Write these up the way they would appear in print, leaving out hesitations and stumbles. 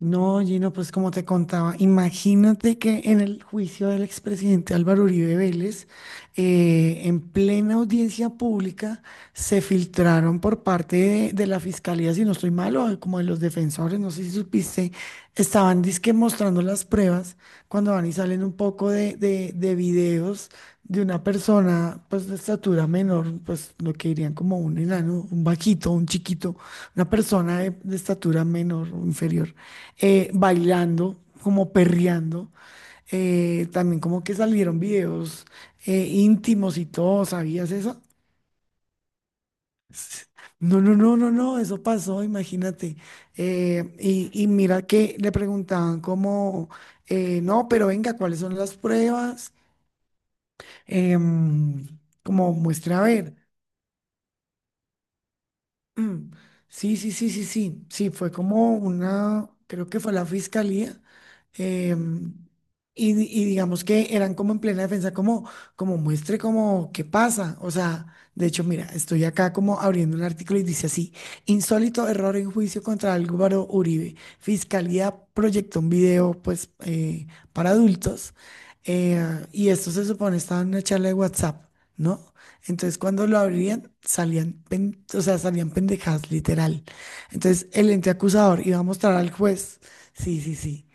No, Gino, pues como te contaba, imagínate que en el juicio del expresidente Álvaro Uribe Vélez, en plena audiencia pública, se filtraron por parte de la fiscalía, si no estoy mal, o como de los defensores, no sé si supiste, estaban dizque mostrando las pruebas cuando van y salen un poco de videos de una persona, pues de estatura menor, pues lo que dirían como un enano, un vaquito, un chiquito, una persona de estatura menor o inferior bailando, como perreando. También como que salieron videos íntimos y todo, ¿sabías eso? S- No, no, no, no, no, eso pasó, imagínate. Y mira que le preguntaban como, no, pero venga, ¿cuáles son las pruebas? Em, Como muestre a ver. Mm, sí, sí, sí, sí, sí, sí, fue como una, creo que fue la fiscalía, em, y, digamos que eran como en plena defensa, como, como muestre como qué pasa. O sea, de hecho, mira, estoy acá como abriendo un artículo y dice así: insólito error en juicio contra Álvaro Uribe, fiscalía proyectó un video, pues, para adultos, y esto se supone estaba en una charla de WhatsApp, ¿no? Entonces, cuando lo abrían, salían, o sea, salían pendejadas, literal. Entonces, el ente acusador iba a mostrar al juez. Sí, sí, sí.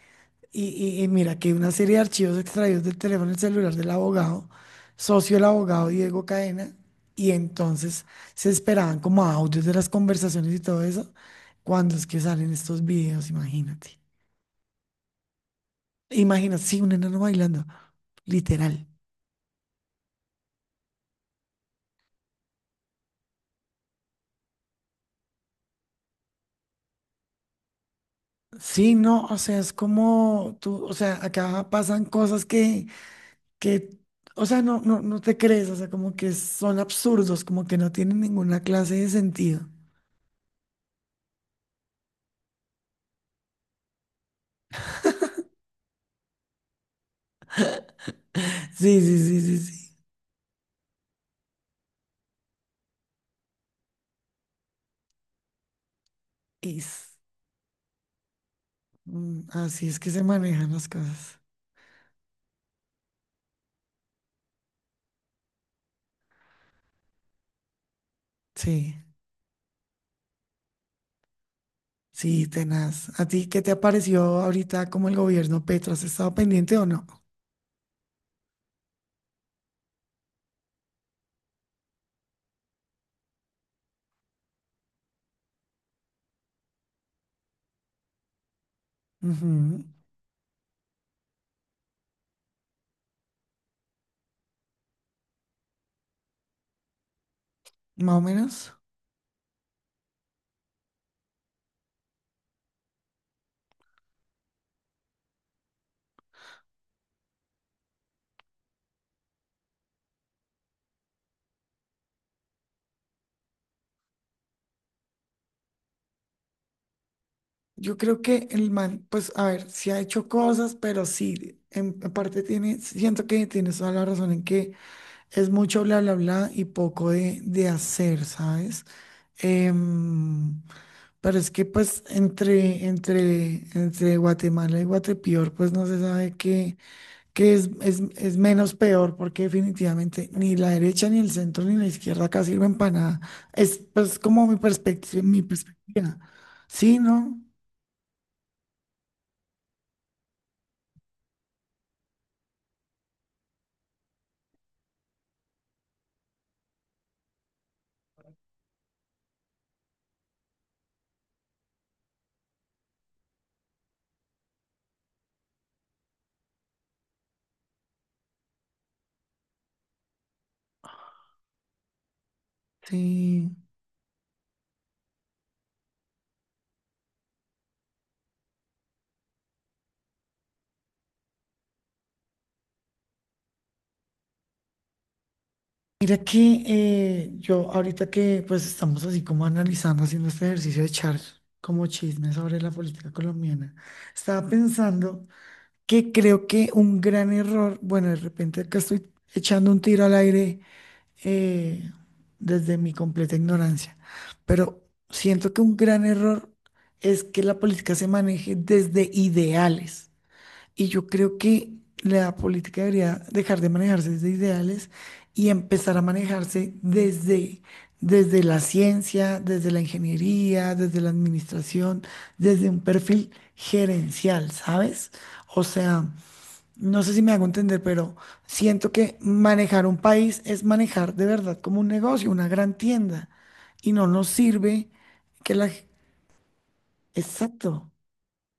Y, y mira que una serie de archivos extraídos del teléfono y celular del abogado, socio del abogado Diego Cadena, y entonces se esperaban como audios de las conversaciones y todo eso, cuando es que salen estos videos, imagínate. Imagínate, sí, un enano bailando, literal. Sí, no, o sea, es como tú, o sea, acá pasan cosas que, o sea, no, no, no te crees, o sea, como que son absurdos, como que no tienen ninguna clase de sentido. Sí, sí, sí, sí, sí. Es, mm, así es que se manejan las cosas. Sí, sí, tenaz. ¿A ti qué te ha parecido ahorita como el gobierno Petro? ¿Has estado pendiente o no? Ujú, más o menos. Yo creo que el man, pues, a ver, sí ha hecho cosas, pero sí, en parte tiene, siento que tienes toda la razón en que es mucho bla, bla, bla y poco de hacer, ¿sabes? Em, pero es que pues entre Guatemala y Guatepeor, pues no se sabe qué, qué es menos peor, porque definitivamente ni la derecha, ni el centro, ni la izquierda acá sirven para nada. Es pues como mi perspectiva, mi perspectiva. Sí, ¿no? Sí. Mira que yo ahorita que pues estamos así como analizando, haciendo este ejercicio de echar como chisme sobre la política colombiana, estaba pensando que creo que un gran error, bueno, de repente acá estoy echando un tiro al aire, eh, desde mi completa ignorancia, pero siento que un gran error es que la política se maneje desde ideales. Y yo creo que la política debería dejar de manejarse desde ideales y empezar a manejarse desde la ciencia, desde la ingeniería, desde la administración, desde un perfil gerencial, ¿sabes? O sea, no sé si me hago entender, pero siento que manejar un país es manejar de verdad como un negocio, una gran tienda, y no nos sirve que la... Exacto.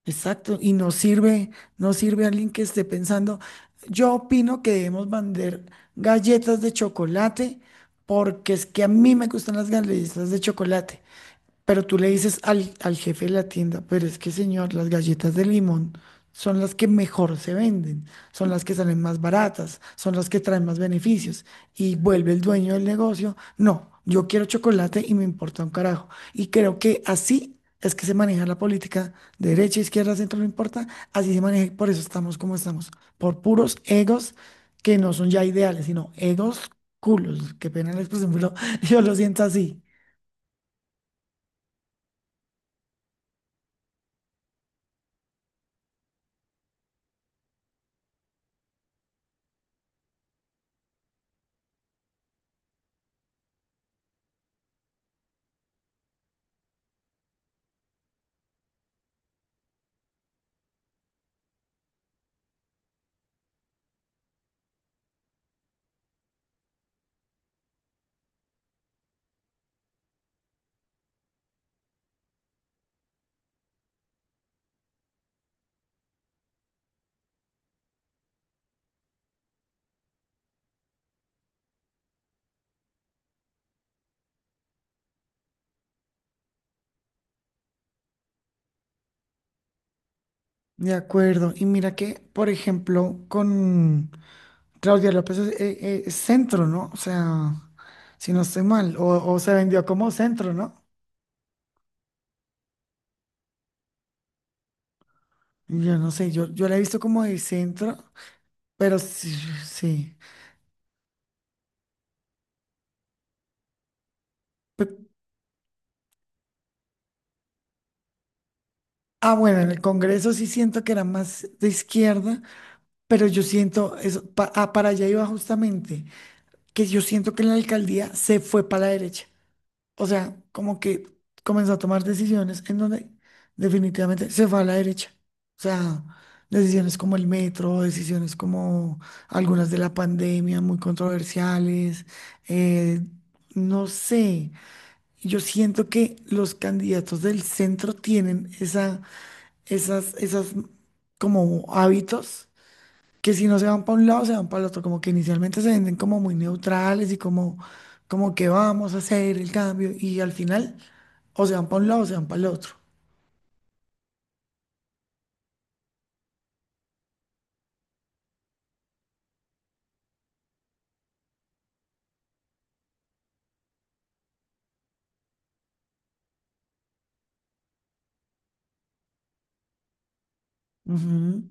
Exacto, y no sirve, no sirve alguien que esté pensando. Yo opino que debemos vender galletas de chocolate porque es que a mí me gustan las galletas de chocolate. Pero tú le dices al jefe de la tienda, pero es que señor, las galletas de limón son las que mejor se venden, son las que salen más baratas, son las que traen más beneficios. Y vuelve el dueño del negocio, no, yo quiero chocolate y me importa un carajo. Y creo que así es que se maneja la política, de derecha, izquierda, centro, no importa, así se maneja y por eso estamos como estamos, por puros egos que no son ya ideales, sino egos culos, qué pena la expresión, pero yo lo siento así. De acuerdo. Y mira que, por ejemplo, con Claudia López es, centro, ¿no? O sea, si no estoy mal, o se vendió como centro, ¿no? Yo no sé, yo la he visto como de centro, pero sí, sí. Pe- Ah, bueno, en el Congreso sí siento que era más de izquierda, pero yo siento, eso, para allá iba justamente, que yo siento que la alcaldía se fue para la derecha. O sea, como que comenzó a tomar decisiones en donde definitivamente se fue a la derecha. O sea, decisiones como el metro, decisiones como algunas de la pandemia, muy controversiales. eh, no sé. Yo siento que los candidatos del centro tienen esa, esas como hábitos que si no se van para un lado, se van para el otro, como que inicialmente se venden como muy neutrales y como, como que vamos a hacer el cambio y al final o se van para un lado o se van para el otro. Ujú.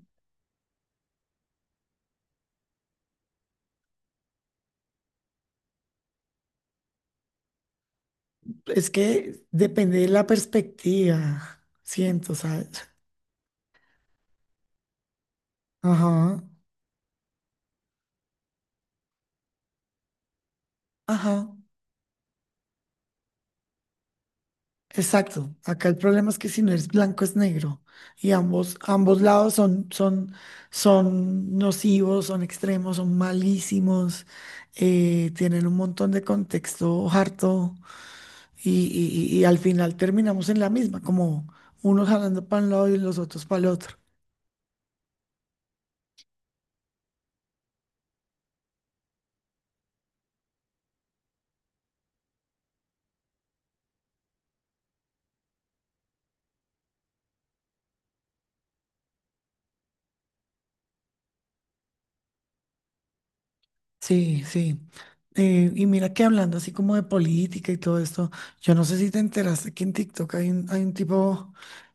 Es que depende de la perspectiva, siento, ¿sabes? Ajá, ajá, exacto. Acá el problema es que si no es blanco es negro y ambos, ambos lados son nocivos, son extremos, son malísimos, tienen un montón de contexto harto y, y al final terminamos en la misma, como unos jalando para un lado y los otros para el otro. Sí, sí. Y mira que hablando así como de política y todo esto, yo no sé si te enteraste que en TikTok hay un tipo,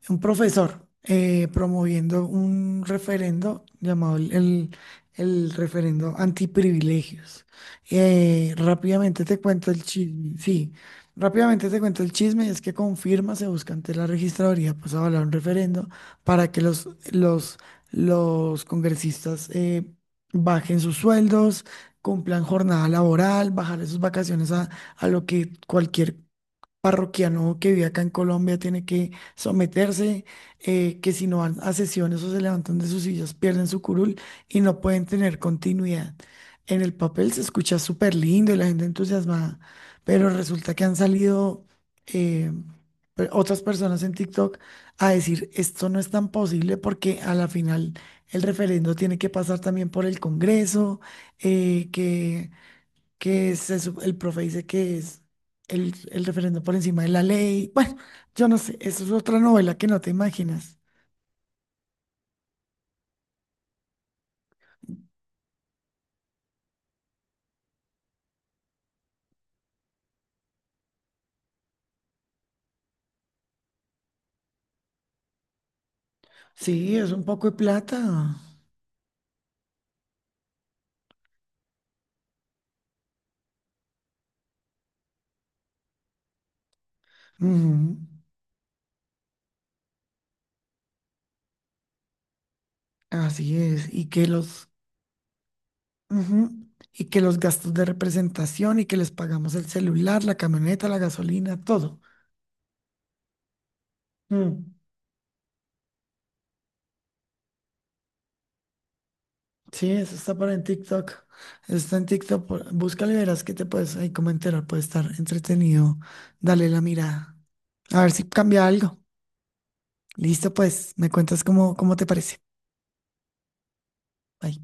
un profesor, promoviendo un referendo llamado el referendo antiprivilegios. Rápidamente te cuento el chisme, sí, rápidamente te cuento el chisme, es que confirma, se busca ante la registraduría, pues avalar un referendo para que los congresistas bajen sus sueldos, cumplan jornada laboral, bajarle sus vacaciones a lo que cualquier parroquiano que vive acá en Colombia tiene que someterse, que si no van a sesiones o se levantan de sus sillas, pierden su curul y no pueden tener continuidad. En el papel se escucha súper lindo y la gente entusiasmada, pero resulta que han salido eh, otras personas en TikTok a decir esto no es tan posible porque a la final el referendo tiene que pasar también por el Congreso, eh, que que es eso, el profe dice que es el referendo por encima de la ley. Bueno, yo no sé, eso es otra novela que no te imaginas. Sí, es un poco de plata. Ujú, así es, y que los, ujú, y que los gastos de representación y que les pagamos el celular, la camioneta, la gasolina, todo. Mm, sí, eso está por en TikTok. Eso está en TikTok. Búscalo y verás que te puedes ahí como enterar, puede estar entretenido. Dale la mirada. A ver si cambia algo. Listo, pues, me cuentas cómo, cómo te parece. Bye.